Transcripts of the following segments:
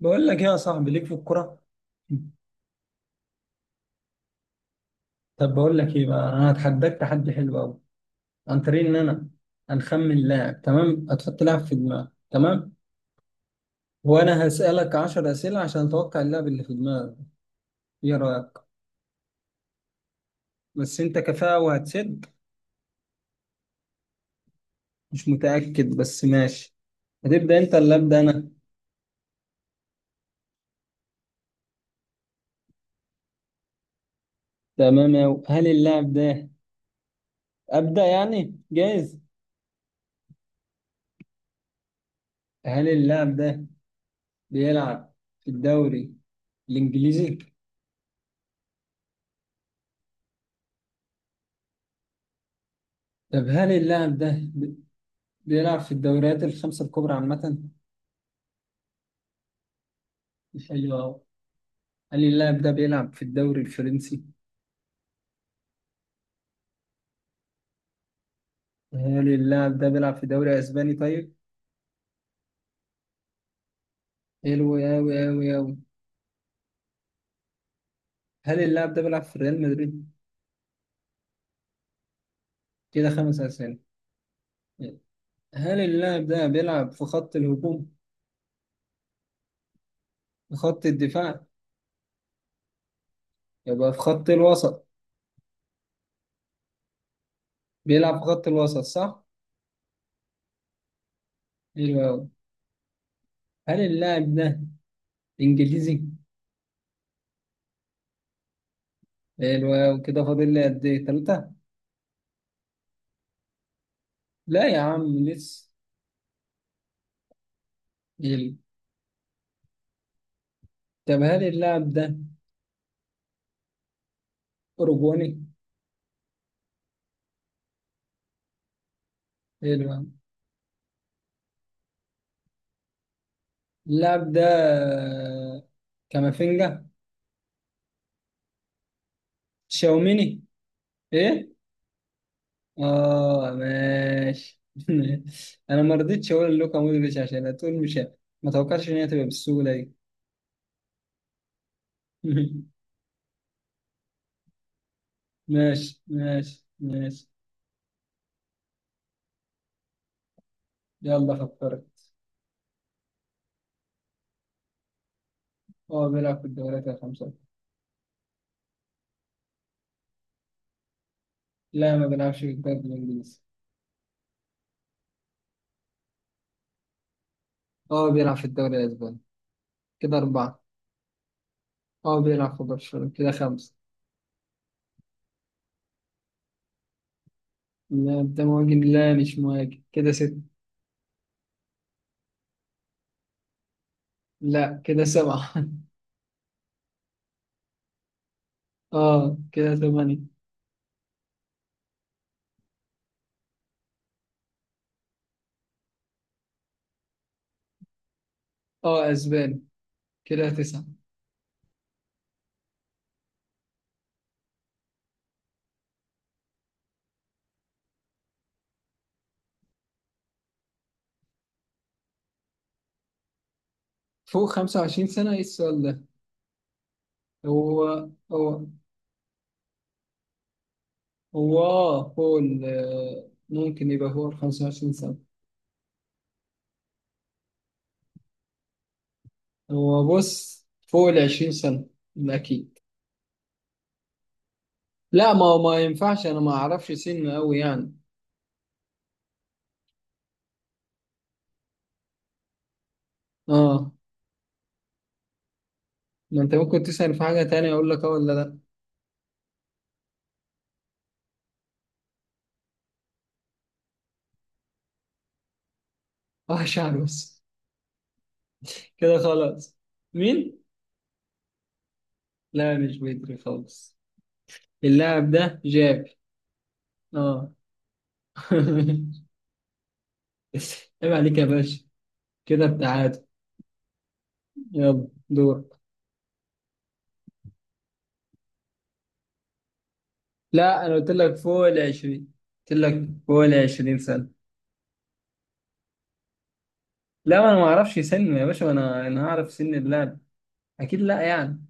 بقول لك ايه يا صاحبي، ليك في الكرة؟ طب بقول لك ايه بقى، انا هتحداك تحدي حلو قوي، عن طريق ان انا هنخمن لاعب. تمام؟ هتحط لاعب في دماغك، تمام، وانا هسألك 10 أسئلة عشان اتوقع اللاعب اللي في دماغك. ايه رأيك؟ بس انت كفاءة وهتسد؟ مش متأكد بس ماشي. هتبدأ انت ولا أبدأ انا؟ تمام أوي. هل اللاعب ده، أبدأ يعني، جايز؟ هل اللاعب ده بيلعب في الدوري الإنجليزي؟ طب هل اللاعب ده بيلعب في الدوريات الخمسة الكبرى عامة؟ حلو أوي. هل اللاعب ده بيلعب في الدوري الفرنسي؟ هل اللاعب ده بيلعب في دوري أسباني طيب؟ حلو أوي أوي أوي. هل اللاعب ده بيلعب في ريال مدريد؟ كده خمس أسئلة. هل اللاعب ده بيلعب في خط الهجوم؟ في خط الدفاع؟ يبقى في خط الوسط. بيلعب في خط الوسط، صح؟ حلو أوي. هل اللاعب ده إنجليزي؟ حلو أوي. كده فاضل لي قد إيه، تلاتة؟ لا يا عم، لسه. حلو. طب هل اللاعب ده أوروجواني؟ حلو. اللاعب ده كامافينجا. شاوميني. ايه؟ اه ماشي. انا ما رضيتش اقول لوكا مودريتش عشان هتقول مش ما توقعش ان هي تبقى بالسهوله دي. ماشي ماشي ماشي. يلا فكرت. اه بيلعب في الدوريات الخمسه. لا ما بيلعبش في الدوري الانجليزي. اه بيلعب في الدوري الاسباني. كده اربعه. اه بيلعب في برشلونه، كده خمسه. لا ده مهاجم، لا مش مهاجم، كده ست. لا كده سبعه. اه كده ثمانية. اه اسبان، كده تسعة. فوق خمسة وعشرين سنة، ايه السؤال ده؟ هو هو هو اه فوق ال ممكن يبقى فوق الخمسة وعشرين سنة. هو بص فوق العشرين سنة، ده اكيد. لا ما هو ما ينفعش انا ما اعرفش سن قوي يعني. اه ما انت ممكن تسأل في حاجة تانية، اقول لك اه ولا لا. اه شعر بس. كده خلاص. مين؟ لا مش بدري خالص. اللاعب ده جاب. اه. عيب عليك يا باشا، كده بتاعت. يلا دور. لا انا قلت لك فوق ال 20، قلت لك فوق ال 20 سنة. لا ما انا ما اعرفش سن يا باشا، انا هعرف سن اللاعب اكيد، لا يعني.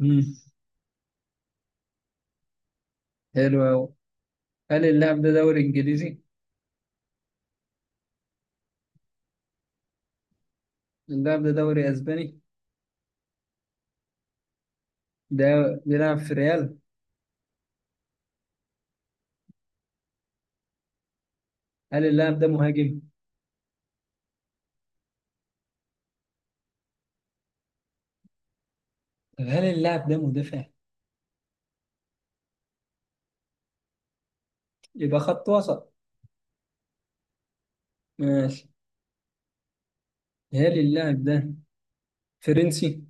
امم حلو قوي. هل اللاعب ده دوري انجليزي؟ اللاعب ده دوري اسباني. ده بيلعب في ريال. هل اللاعب ده مهاجم؟ طب هل اللاعب ده مدافع؟ يبقى خط وسط. ماشي. هل اللاعب ده فرنسي؟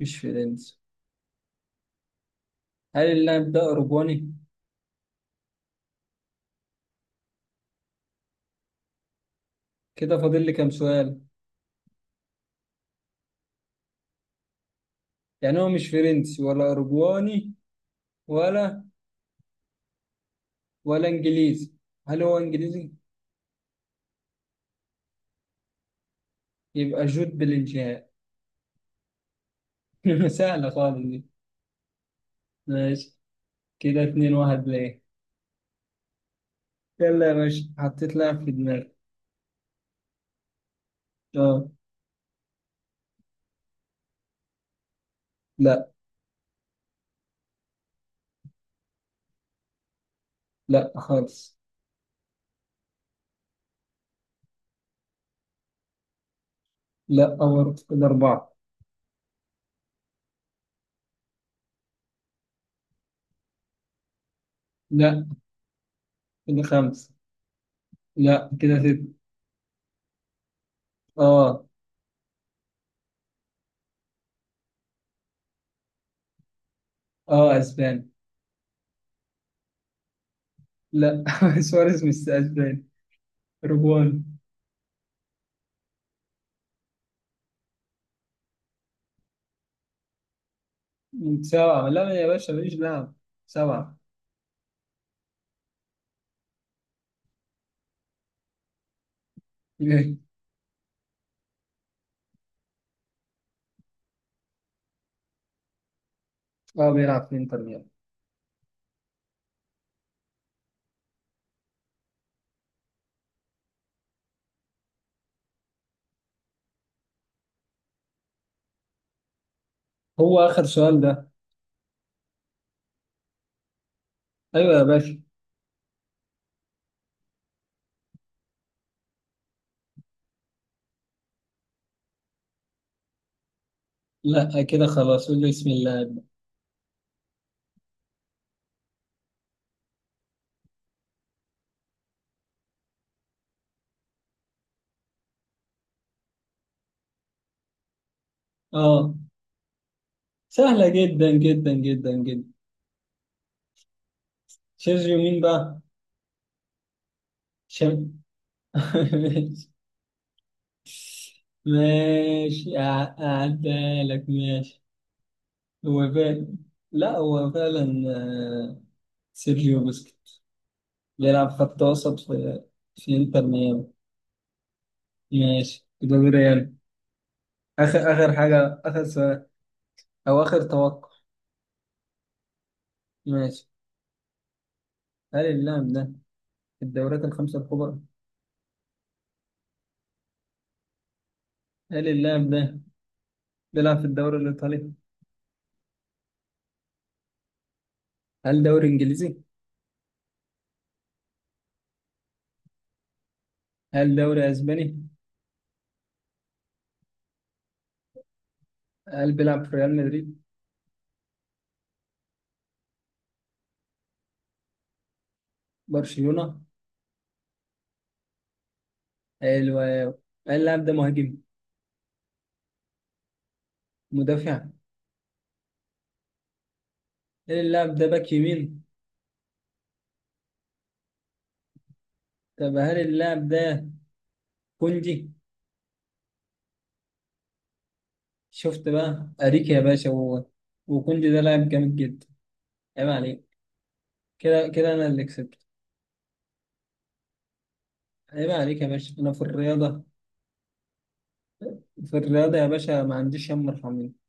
مش فرنسي. هل اللاعب ده اوروباني؟ كده فاضل لي كام سؤال؟ يعني هو مش فرنسي ولا أوروجواني ولا ولا إنجليزي؟ هل هو إنجليزي؟ يبقى جود بلينجهام. سهلة خالص دي. ماشي، كده اتنين واحد ليه. يلا يا باشا حطيت لاعب في دماغي. اه. لا. لا خالص. لا أور، كده أربعة. لا كده خمسة. لا كده ستة. اه. اه أسباني. لا. سواريز مش أسباني، أوروجواني. سبعة، لا يا باشا ماليش لاعب. سبعة. اه بيلعب في انتر ميامي. هو آخر سؤال ده؟ أيوة يا باشا. لا كده خلاص، قول له بسم الله أبدأ. آه. سهلة جدا جدا جدا جدا. سيرجيو مين بقى؟ شم... ماشي ماشي. أعدها لك، ماشي. هو فعلا، لا هو فعلا سيرجيو بوسكيت بيلعب خط وسط في انتر ميامي. ماشي. كده ريال، آخر آخر حاجة، آخر سؤال، أو آخر توقع. ماشي. هل اللاعب ده في الدوريات الخمسة الكبرى؟ هل اللاعب ده بيلعب في الدوري الإيطالي؟ هل دوري إنجليزي؟ هل دوري أسباني؟ هل بيلعب في ريال مدريد؟ برشلونة؟ حلو أوي. هل اللاعب ده مهاجم؟ مدافع؟ هل اللاعب ده باك يمين؟ طب هل اللاعب ده كوندي؟ شفت بقى أريكي يا باشا، وهو وكوندي ده لاعب جامد جدا، عيب عليك. كده كده أنا اللي كسبت. عيب عليك يا باشا، أنا في الرياضة، في الرياضة يا باشا ما عنديش هم مرحمين.